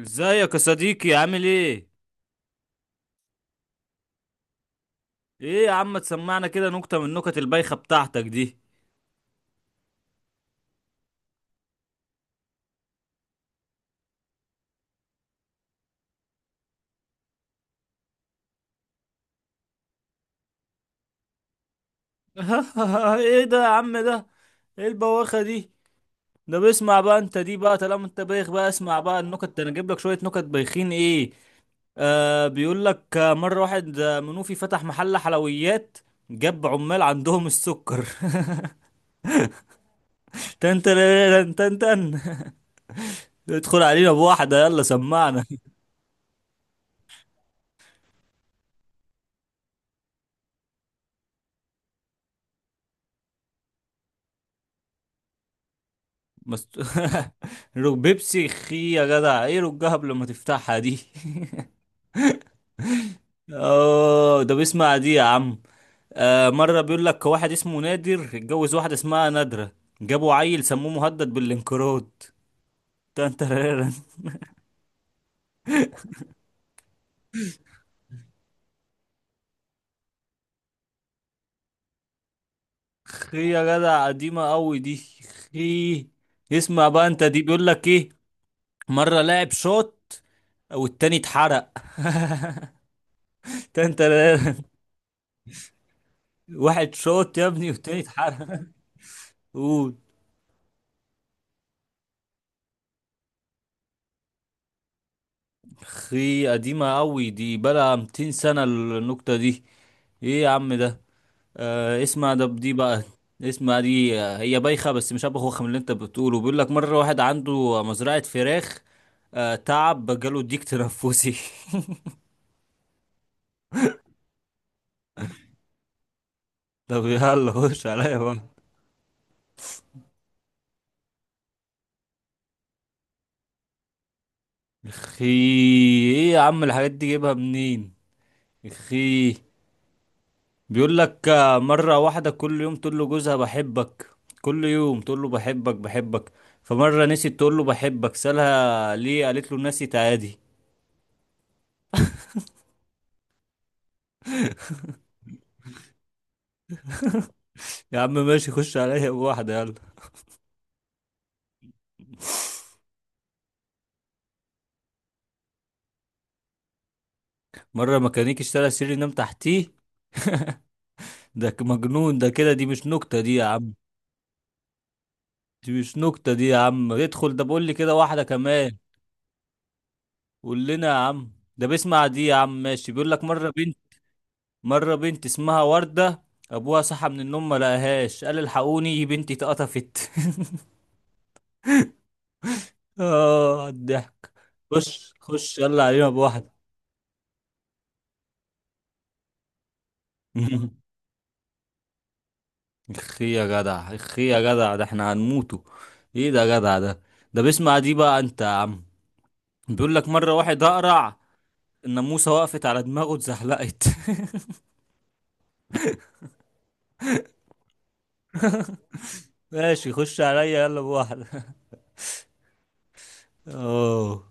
ازيك يا صديقي عامل ايه؟ ايه يا عم تسمعنا كده نكتة من النكت البايخة بتاعتك دي. ايه ده يا عم ده؟ ايه البواخة دي؟ ده بيسمع بقى انت دي بقى، طالما انت بايخ بقى اسمع بقى النكت. ده انا اجيب لك شوية نكت بايخين ايه؟ آه بيقول لك مرة واحد منوفي فتح محل حلويات، جاب عمال عندهم السكر. تن تن تن تن تن. ادخل علينا بواحدة يلا سمعنا. مست... بيبسي خي يا جدع، ايه رجها قبل ما تفتحها دي. اه ده بيسمع دي يا عم. آه مرة بيقول لك واحد اسمه نادر اتجوز واحدة اسمها نادرة، جابوا عيل سموه مهدد بالانقراض. تنترارن خي يا جدع قديمة قوي دي. خي. اسمع بقى انت دي بيقول لك ايه. مرة لاعب شوت والتاني اتحرق. تنترارن. واحد شوت يا ابني والتاني اتحرق. قول. اخي قديمة قوي دي، بلا 200 سنة النكتة دي. ايه يا عم ده. آه اسمع ده دي بقى. اسمع دي. هي بايخة بس مش هبقى خوخة من اللي انت بتقوله. بيقول لك مرة واحد عنده مزرعة فراخ. آه تعب، جاله ديك تنفسي. طب يلا خش عليا بقى. اخي. ايه يا عم الحاجات دي جايبها منين. اخي. بيقول لك مرة واحدة كل يوم تقول له جوزها بحبك، كل يوم تقول له بحبك بحبك، فمرة نسيت تقول له بحبك، سألها ليه، قالت له نسيت عادي. يا عم ماشي، خش عليا بواحدة يلا. مرة ميكانيكي اشترى سرير نام تحتيه. ده مجنون ده كده، دي مش نكتة دي يا عم. دي مش نكتة دي يا عم. ادخل ده بقول لي كده واحدة كمان. قول لنا يا عم. ده بيسمع دي يا عم ماشي، بيقول لك مرة بنت، مرة بنت اسمها وردة، أبوها صحى من النوم ما لقاهاش، قال الحقوني بنتي اتقطفت. آه الضحك. خش خش يلا علينا بواحدة. اخي يا جدع، اخي يا جدع، ده احنا هنموته. ايه ده يا جدع ده. ده بيسمع دي بقى انت يا عم. بيقول لك مرة واحد أقرع، الناموسة وقفت على دماغه اتزحلقت. ماشي خش عليا يلا بواحدة. اه.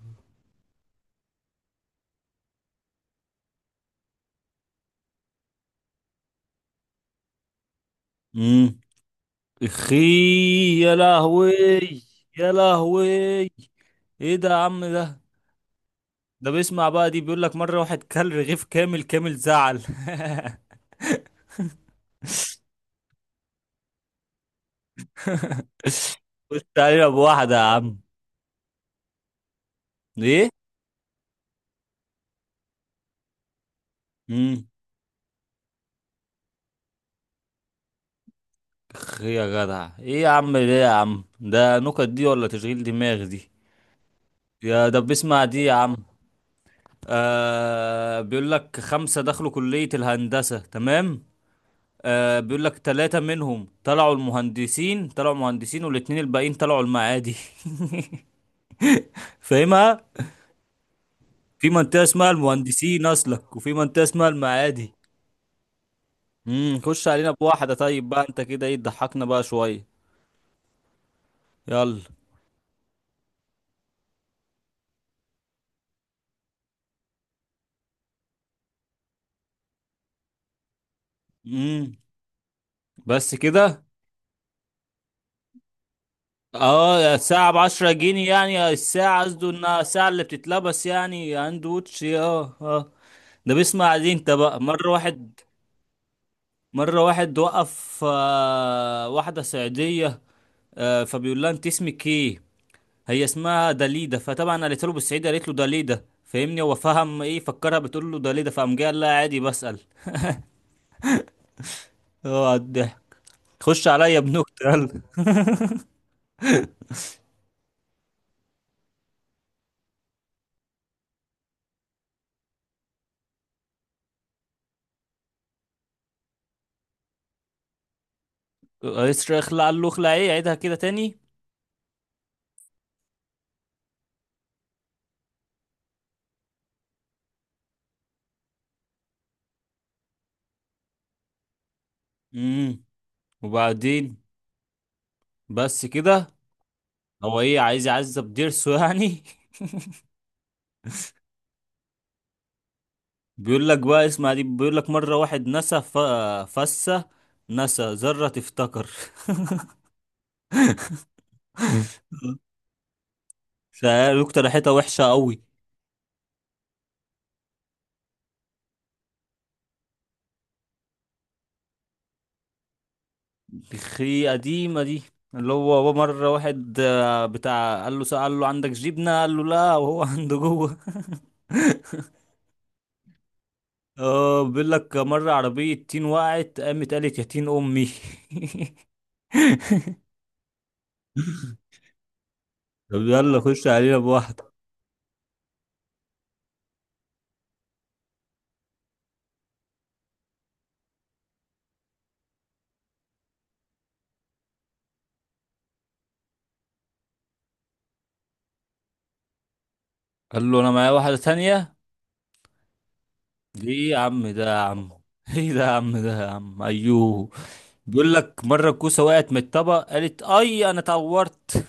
امم. اخي. يا لهوي. يا لهوي. ايه ده يا عم ده. ده بيسمع بقى دي، بيقول لك مرة واحد كل رغيف كامل كامل زعل. قلت علينا بواحدة يا عم. ايه. امم. اخ يا جدع، ايه يا عم ده يا عم ده، نكت دي ولا تشغيل دماغ دي. يا ده بيسمع دي يا عم. آه بيقول لك خمسة دخلوا كلية الهندسة، تمام؟ آه بيقول لك ثلاثة منهم طلعوا المهندسين، طلعوا مهندسين، والاتنين الباقيين طلعوا المعادي. فاهمها. في منطقة اسمها المهندسين أصلك، وفي منطقة اسمها المعادي. امم. خش علينا بواحدة طيب بقى، أنت كده إيه، تضحكنا بقى شوية. يلا. امم. بس كده؟ اه، الساعة بعشرة جنيه يعني الساعة، قصده إنها الساعة اللي بتتلبس يعني، هاند ووتش، اه اه. ده بيسمع عليه أنت بقى. مرة واحد، مرة واحد وقف واحدة صعيدية، فبيقول لها أنت اسمك إيه؟ هي اسمها داليدا، فطبعا قالت له بالصعيدي، قالت له داليدا، فاهمني؟ هو فهم ايه، فكرها بتقول له داليدا، فقام جاي قال لها عادي بسأل. هو على الضحك. خش عليا بنكتة يلا. رئيس اخلع، قال له اخلع ايه، عيدها كده تاني. امم. وبعدين؟ بس كده؟ هو ايه عايز يعذب ضرسه يعني. بيقول لك بقى اسمع دي، بيقول لك مرة واحد نسى فسة، نسى ذرة تفتكر. فقالوا اقترحتها وحشة قوي. الخي قديمة دي. اللي هو مرة واحد بتاع قال له، قال له عندك جبنة، قال له لا وهو عنده جوه. اه بيقول لك مرة عربية تين وقعت، قامت قالت يا تين أمي. طب يلا خش علينا بواحدة. قال له أنا معايا واحدة تانية. دي إيه يا عم ده يا عم. ايه ده يا عم ده يا عم، ايوه. بيقول لك مرة الكوسة وقعت من الطبق، قالت اي انا اتعورت.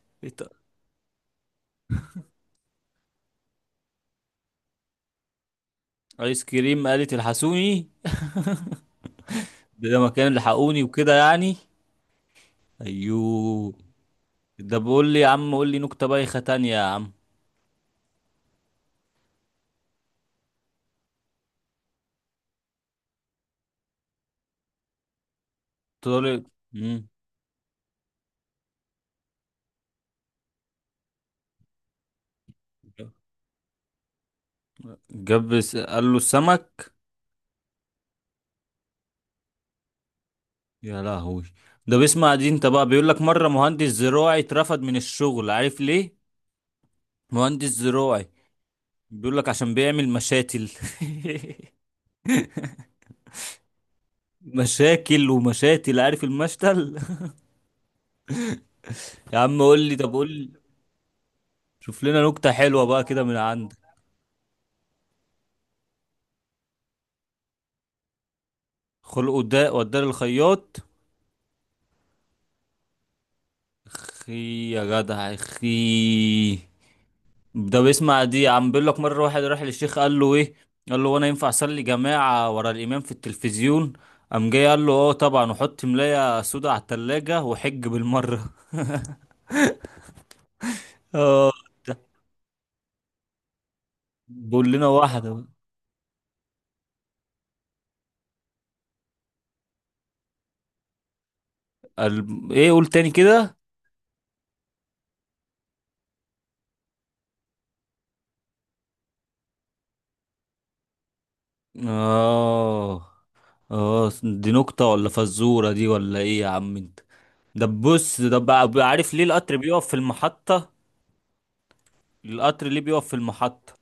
ايس كريم قالت الحسوني. ده لما كانوا لحقوني وكده يعني. ايوه. ده بيقول لي يا عم قول لي نكتة بايخة تانية يا عم. قلت له مم. قال له السمك. يا لهوي. ده بيسمع دي انت بقى، بيقول لك مرة مهندس زراعي اترفد من الشغل، عارف ليه؟ مهندس زراعي. بيقول لك عشان بيعمل مشاتل. مشاكل ومشاتل، عارف المشتل. يا عم قول لي، طب قول لي. شوف لنا نكتة حلوة بقى كده من عندك. خلقه ده وداه للخياط. اخي يا جدع، اخي. ده بيسمع دي عم، بيقول لك مره واحد راح للشيخ قال له ايه، قال له وانا ينفع اصلي جماعه ورا الامام في التلفزيون، قام جاي قال له اه طبعا، وحط ملايه سودا على التلاجة وحج بالمره. بقول لنا واحده بقى. قال ايه؟ قول تاني كده. اه. اه دي نكته ولا فزوره دي ولا ايه يا عم انت. ده بص ده بقى عارف ليه القطر بيقف في المحطه. القطر ليه بيقف في المحطه؟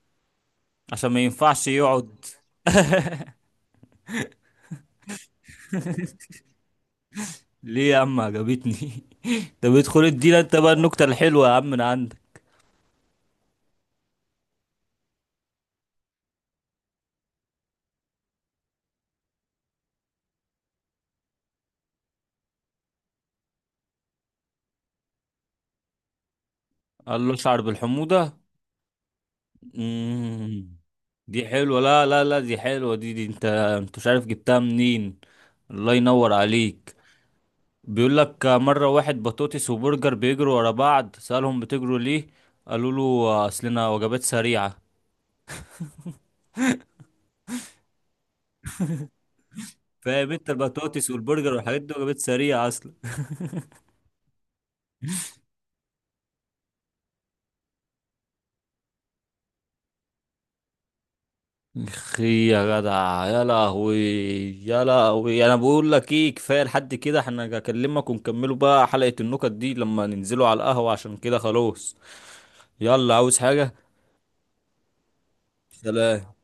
عشان ما ينفعش يقعد. ليه يا عم، عجبتني. طب ادخل ادينا انت بقى النكتة الحلوة يا عم من عندك. قال له اشعر بالحموضة. مم. دي حلوة، لا لا لا دي حلوة دي انت مش عارف جبتها منين. الله ينور عليك. بيقول لك مرة واحد بطاطس وبرجر بيجروا ورا بعض، سألهم بتجروا ليه، قالوا له اصلنا وجبات سريعة. فاهم انت، البطاطس والبرجر والحاجات دي وجبات سريعة اصلا. اخي يا جدع، يا لهوي، يا لهوي. انا بقول لك ايه، كفايه لحد كده، احنا هكلمك ونكملوا بقى حلقه النكت دي لما ننزلوا على القهوه، عشان كده خلاص. يلا، عاوز حاجه؟ سلام.